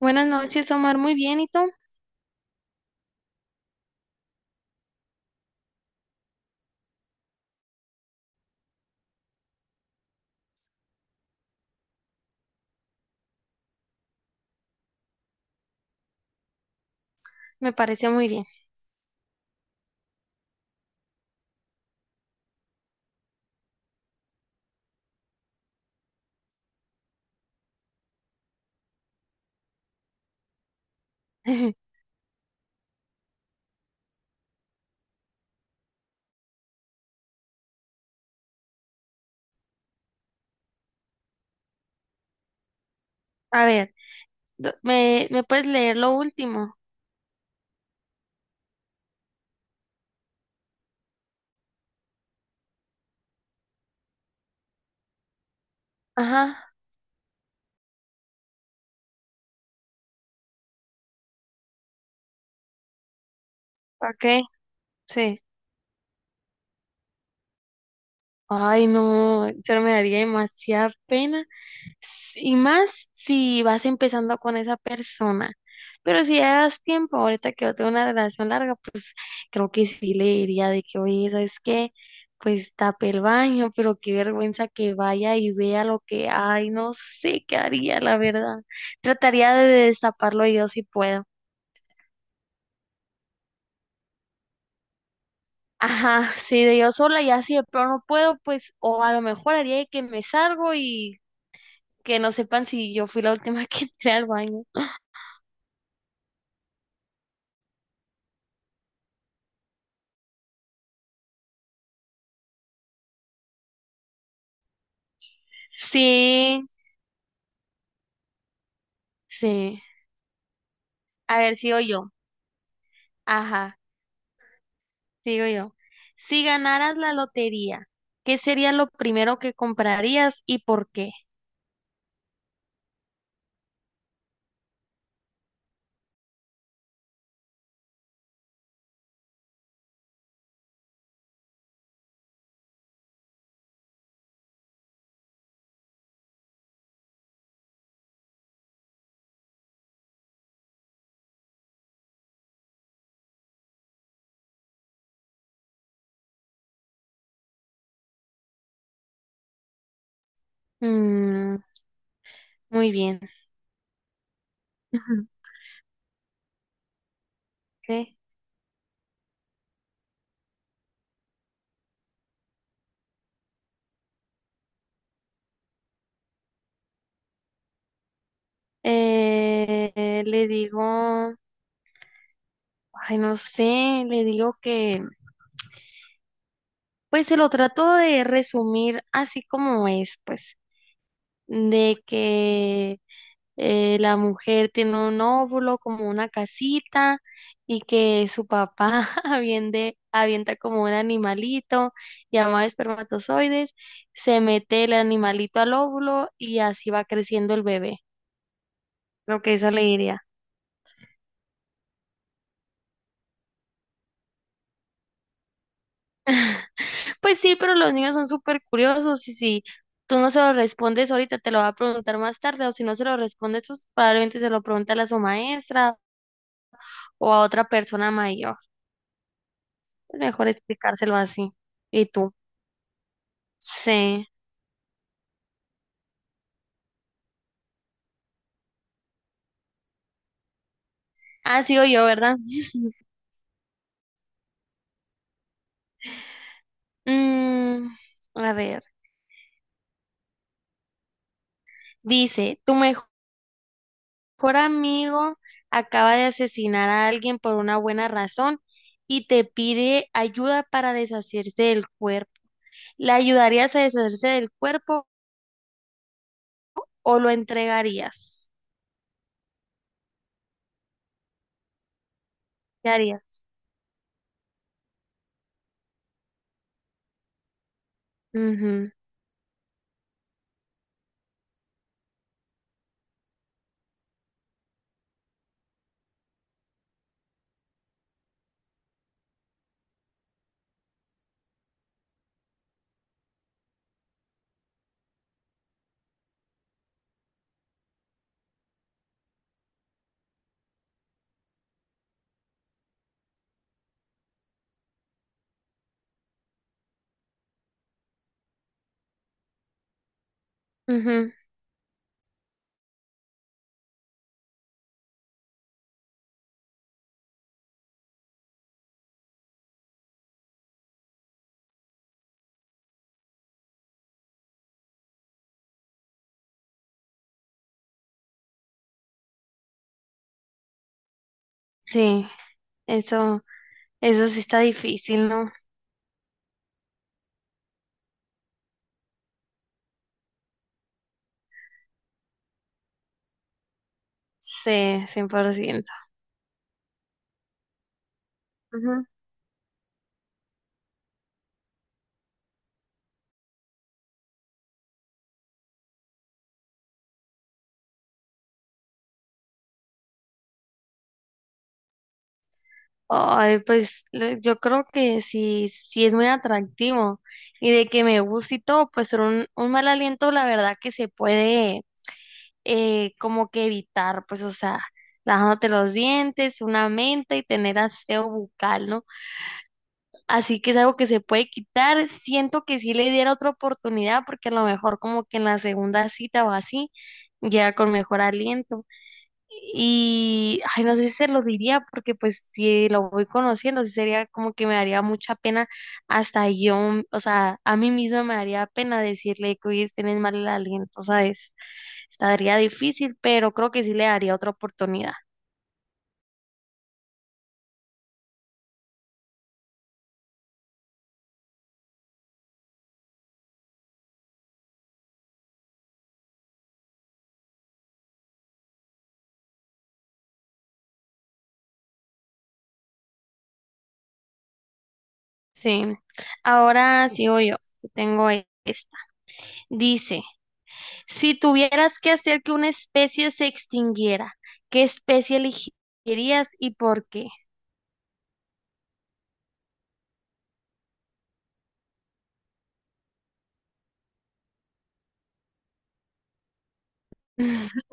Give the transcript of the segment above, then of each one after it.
Buenas noches, Omar. Muy bien, ¿y tú? Me parece muy bien. A ver, ¿me puedes leer lo último? Ajá, ok, sí. Ay, no, yo me daría demasiada pena. Y más si vas empezando con esa persona. Pero si ya das tiempo, ahorita que yo tengo una relación larga, pues creo que sí le diría de que, oye, ¿sabes qué? Pues tape el baño, pero qué vergüenza que vaya y vea lo que hay. No sé qué haría, la verdad. Trataría de destaparlo yo si puedo. Ajá, sí, de yo sola y así de pronto no puedo, pues, o a lo mejor haría de que me salgo y que no sepan si yo fui la última que entré al baño. Sí, sí. A ver, sigo yo. Ajá, sigo yo. Si ganaras la lotería, ¿qué sería lo primero que comprarías y por qué? Mm, muy bien. Ujú. Ok. Le digo, ay, no sé, le digo que, pues se lo trato de resumir así como es, pues, de que la mujer tiene un óvulo como una casita y que su papá avienta como un animalito llamado espermatozoides, se mete el animalito al óvulo y así va creciendo el bebé. Lo que eso le diría. Pues sí, pero los niños son súper curiosos y si tú no se lo respondes ahorita, te lo va a preguntar más tarde o si no se lo respondes, pues probablemente se lo pregunta a su maestra o a otra persona mayor. Es mejor explicárselo así. ¿Y tú? Sí. Ah, sigo yo, ¿verdad? Mm, a ver, dice, tu mejor amigo acaba de asesinar a alguien por una buena razón y te pide ayuda para deshacerse del cuerpo. ¿Le ayudarías a deshacerse del cuerpo o lo entregarías? ¿Qué harías? Ujú, ujú. Sí, eso, eso sí está difícil, ¿no? Sí, 100%. Ay, yo creo que sí, sí es muy atractivo y de que me guste y todo, pues ser un mal aliento, la verdad que se puede como que evitar, pues o sea, lavándote los dientes, una menta y tener aseo bucal, ¿no? Así que es algo que se puede quitar. Siento que sí le diera otra oportunidad porque a lo mejor como que en la segunda cita o así, ya con mejor aliento. Y, ay, no sé si se lo diría, porque pues si lo voy conociendo, sí sería como que me daría mucha pena, hasta yo, mm, o sea, a mí misma me daría pena decirle que hoy tienes mal el aliento, ¿sabes? Estaría difícil, pero creo que sí le daría otra oportunidad. Sí. Ahora sí sigo yo, que tengo esta. Dice, si tuvieras que hacer que una especie se extinguiera, ¿qué especie elegirías y por qué?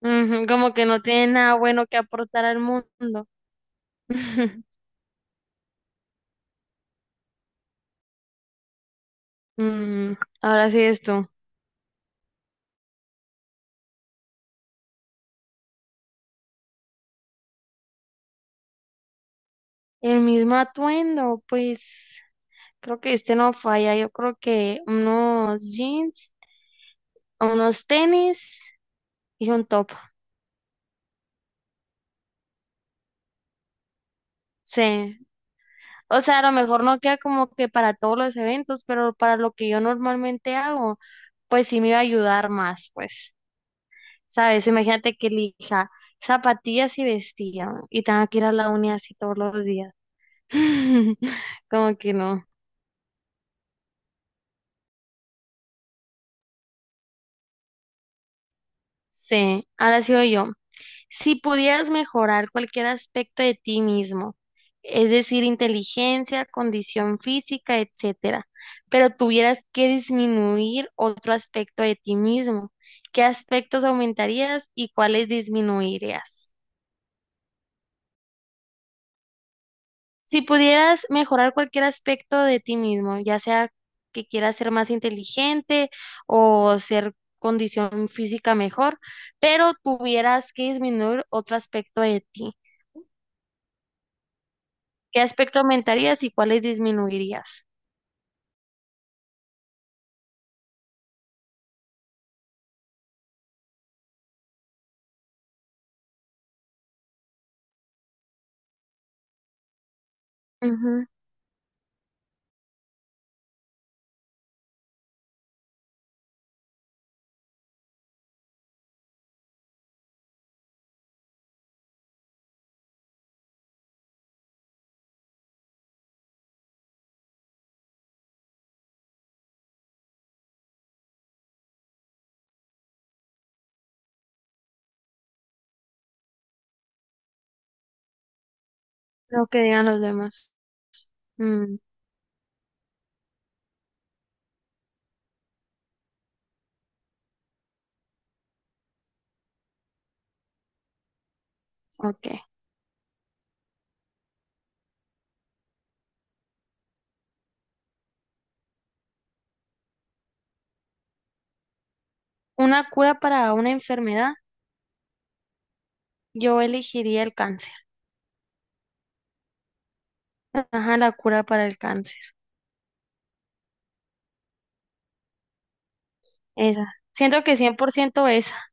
Ujú, como que no tiene nada bueno que aportar al mundo. Mm, ahora sí esto. El mismo atuendo, pues creo que este no falla. Yo creo que unos jeans, unos tenis y un top. Sí. O sea, a lo mejor no queda como que para todos los eventos, pero para lo que yo normalmente hago, pues sí me iba a ayudar más, pues. ¿Sabes? Imagínate que elija zapatillas y vestido y tenga que ir a la uni así todos los días. Como que no. Sí, ahora sigo yo. Si pudieras mejorar cualquier aspecto de ti mismo, es decir, inteligencia, condición física, etcétera, pero tuvieras que disminuir otro aspecto de ti mismo, ¿qué aspectos aumentarías y cuáles disminuirías? Si pudieras mejorar cualquier aspecto de ti mismo, ya sea que quieras ser más inteligente o ser condición física mejor, pero tuvieras que disminuir otro aspecto de ti, ¿qué aspecto aumentarías y cuáles disminuirías? Ujú. Lo que digan los demás. Mm, ok. Una cura para una enfermedad. Yo elegiría el cáncer. Ajá, la cura para el cáncer. Esa. Siento que 100% esa.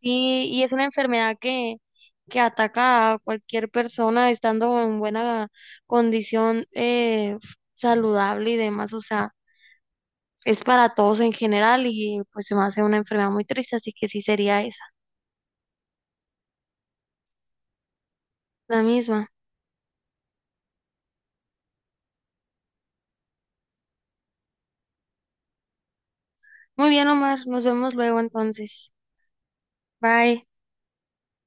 Sí, y es una enfermedad que ataca a cualquier persona estando en buena condición saludable y demás. O sea, es para todos en general y pues se me hace una enfermedad muy triste, así que sí sería esa, la misma. Muy bien, Omar. Nos vemos luego entonces. Bye.